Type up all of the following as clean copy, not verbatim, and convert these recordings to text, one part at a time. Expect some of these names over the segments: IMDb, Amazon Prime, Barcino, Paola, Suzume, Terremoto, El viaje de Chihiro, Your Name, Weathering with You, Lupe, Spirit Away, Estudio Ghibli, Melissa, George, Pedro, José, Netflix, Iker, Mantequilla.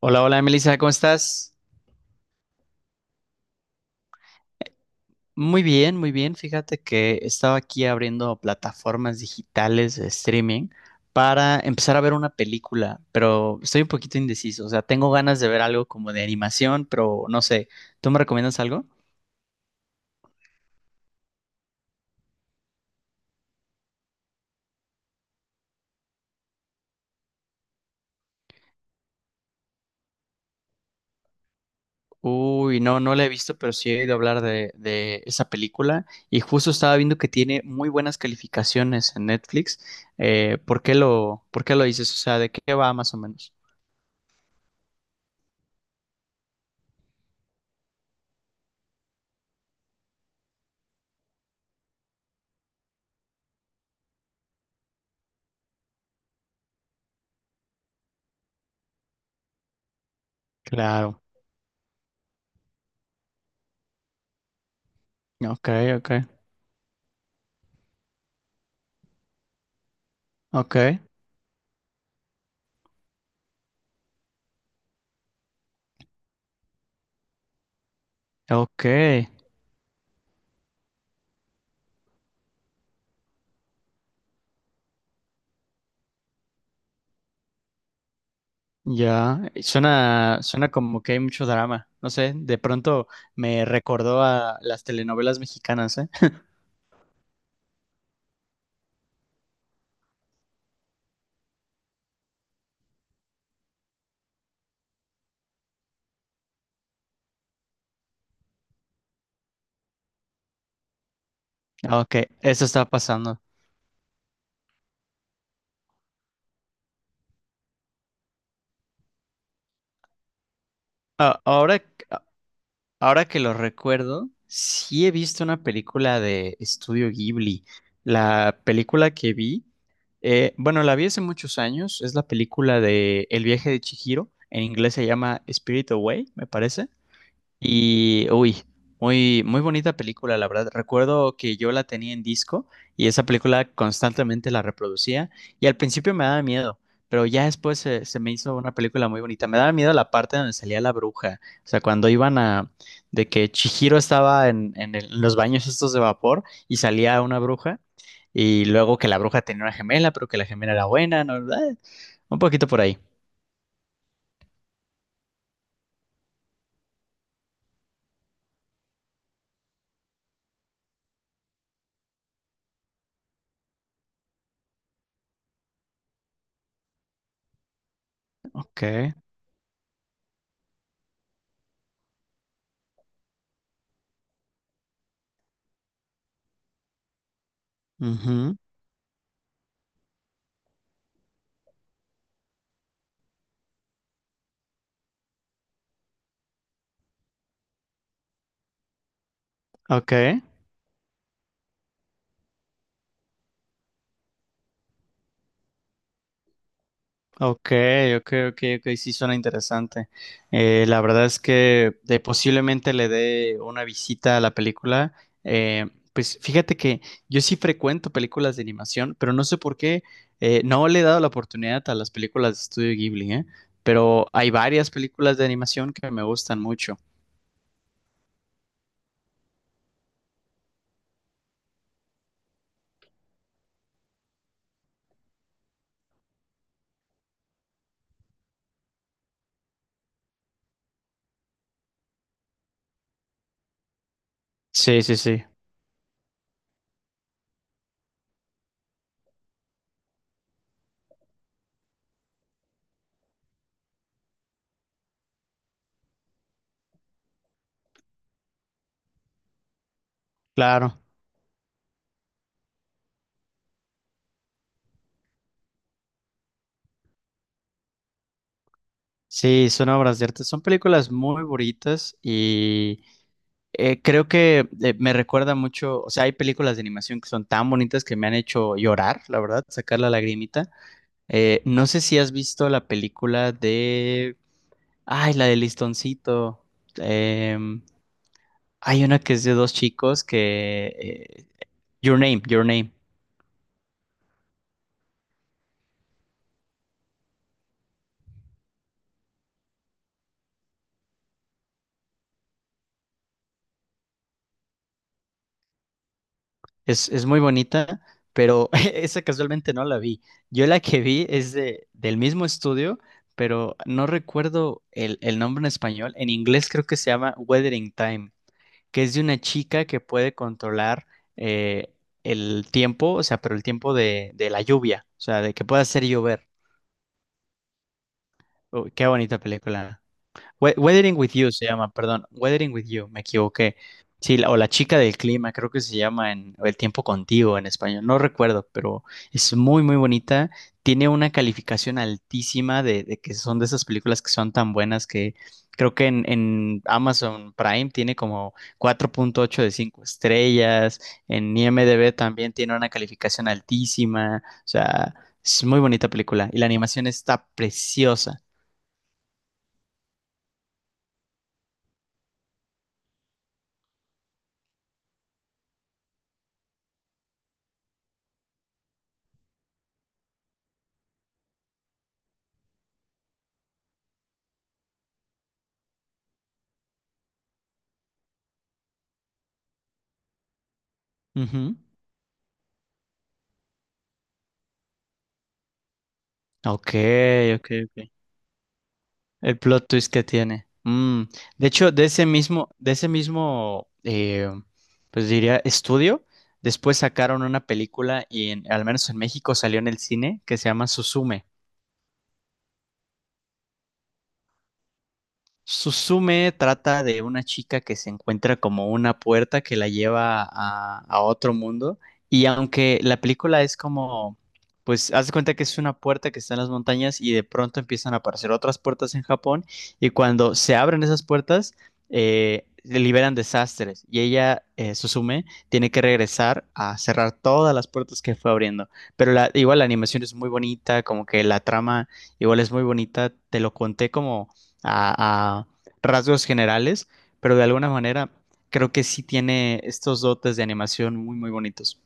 Hola, hola, Melissa, ¿cómo estás? Muy bien, muy bien. Fíjate que estaba aquí abriendo plataformas digitales de streaming para empezar a ver una película, pero estoy un poquito indeciso. O sea, tengo ganas de ver algo como de animación, pero no sé. ¿Tú me recomiendas algo? Uy, no, no la he visto, pero sí he oído hablar de esa película y justo estaba viendo que tiene muy buenas calificaciones en Netflix. Por qué lo dices? O sea, ¿de qué va más o menos? Claro, ok, ok, ok. Ok, ya. Suena, suena como que hay mucho drama. No sé, de pronto me recordó a las telenovelas mexicanas, ¿eh? Ah, ok, eso está pasando. Ah, ahora, ahora que lo recuerdo, sí he visto una película de Estudio Ghibli. La película que vi, bueno, la vi hace muchos años, es la película de El viaje de Chihiro. En inglés se llama Spirit Away, me parece. Y, uy, muy, muy bonita película, la verdad. Recuerdo que yo la tenía en disco y esa película constantemente la reproducía, y al principio me daba miedo, pero ya después se me hizo una película muy bonita. Me daba miedo la parte donde salía la bruja, o sea, de que Chihiro estaba en los baños estos de vapor y salía una bruja, y luego que la bruja tenía una gemela, pero que la gemela era buena, ¿no? Un poquito por ahí. Ok. Ujú. Ok. Ok, ok, ok, ok, sí suena interesante. La verdad es que posiblemente le dé una visita a la película. Eh, pues fíjate que yo sí frecuento películas de animación, pero no sé por qué no le he dado la oportunidad a las películas de Estudio Ghibli, ¿eh? Pero hay varias películas de animación que me gustan mucho. Sí, sí, sí, claro. Sí, son obras de arte. Son películas muy bonitas y creo que me recuerda mucho. O sea, hay películas de animación que son tan bonitas que me han hecho llorar, la verdad, sacar la lagrimita. No sé si has visto la película de. Ay, la de Listoncito. Em, Hay una que es de dos chicos que. Your Name, Your Name. Es muy bonita, pero esa casualmente no la vi. Yo la que vi es del mismo estudio, pero no recuerdo el nombre en español. En inglés creo que se llama Weathering Time, que es de una chica que puede controlar eh, el tiempo, o sea, pero el tiempo de la lluvia, o sea, de que pueda hacer llover. Uy, qué bonita película. Weathering with You se llama, perdón, Weathering with You, me equivoqué. Sí, o La chica del clima, creo que se llama, en o El tiempo contigo en español, no recuerdo, pero es muy, muy bonita. Tiene una calificación altísima de que son de esas películas que son tan buenas que creo que en Amazon Prime tiene como 4.8 de 5 estrellas, en IMDb también tiene una calificación altísima. O sea, es muy bonita película y la animación está preciosa. Ujú. Ok, ok, ok. El plot twist que tiene. De hecho, de ese mismo, pues diría, estudio, después sacaron una película y al menos en México salió en el cine, que se llama Suzume. Suzume trata de una chica que se encuentra como una puerta que la lleva a otro mundo. Y aunque la película es como, pues, haz de cuenta que es una puerta que está en las montañas y de pronto empiezan a aparecer otras puertas en Japón. Y cuando se abren esas puertas, liberan desastres. Y ella, Suzume, tiene que regresar a cerrar todas las puertas que fue abriendo. Pero igual la animación es muy bonita, como que la trama igual es muy bonita. Te lo conté como a rasgos generales, pero de alguna manera creo que sí tiene estos dotes de animación muy, muy bonitos.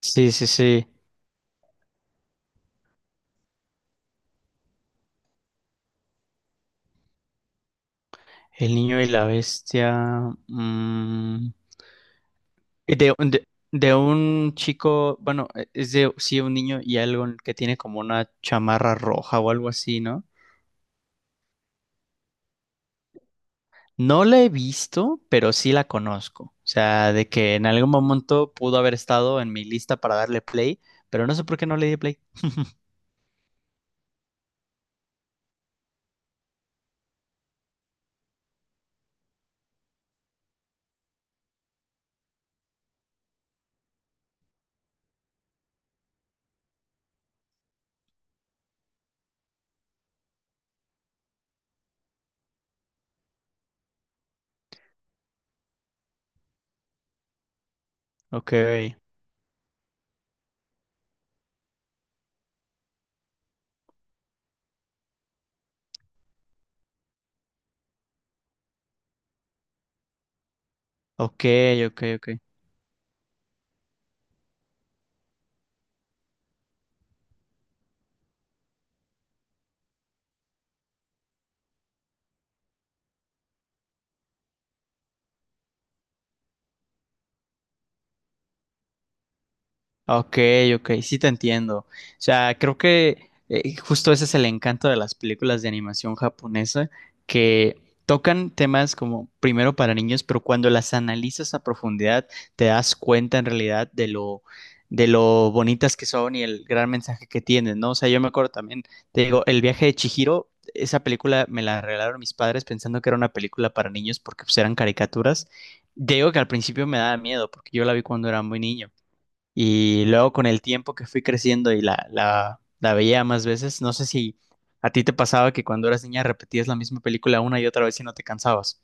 Sí, sí, sí. El niño y la bestia. mm, de, de- de un chico, bueno, es de sí, un niño y algo que tiene como una chamarra roja o algo así, ¿no? No la he visto, pero sí la conozco. O sea, de que en algún momento pudo haber estado en mi lista para darle play, pero no sé por qué no le di play. Ok. Ok, ok, ok. Ok, ok, sí te entiendo. O sea, creo que justo ese es el encanto de las películas de animación japonesa, que tocan temas como primero para niños, pero cuando las analizas a profundidad te das cuenta en realidad de lo bonitas que son y el gran mensaje que tienen, ¿no? O sea, yo me acuerdo también, te digo, El viaje de Chihiro, esa película me la regalaron mis padres pensando que era una película para niños porque pues eran caricaturas. Te digo que al principio me daba miedo porque yo la vi cuando era muy niño. Y luego con el tiempo que fui creciendo y la veía más veces, no sé si a ti te pasaba que cuando eras niña repetías la misma película una y otra vez y no te cansabas,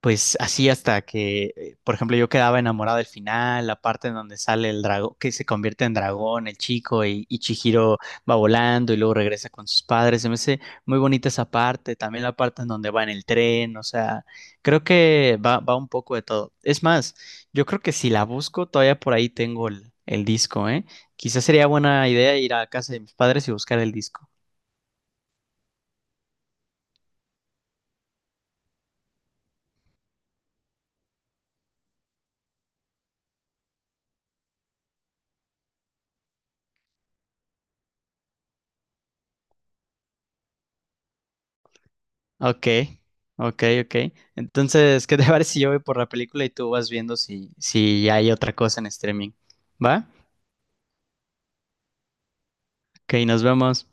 pues así, hasta que, por ejemplo, yo quedaba enamorado del final, la parte en donde sale el dragón, que se convierte en dragón, el chico, y Chihiro va volando y luego regresa con sus padres. Se me hace muy bonita esa parte, también la parte en donde va en el tren. O sea, creo que va un poco de todo. Es más, yo creo que si la busco, todavía por ahí tengo el disco, ¿eh? Quizás sería buena idea ir a casa de mis padres y buscar el disco. Ok, ok, ok. Entonces, ¿qué te parece si yo voy por la película y tú vas viendo si hay otra cosa en streaming? ¿Va? Ok, nos vemos.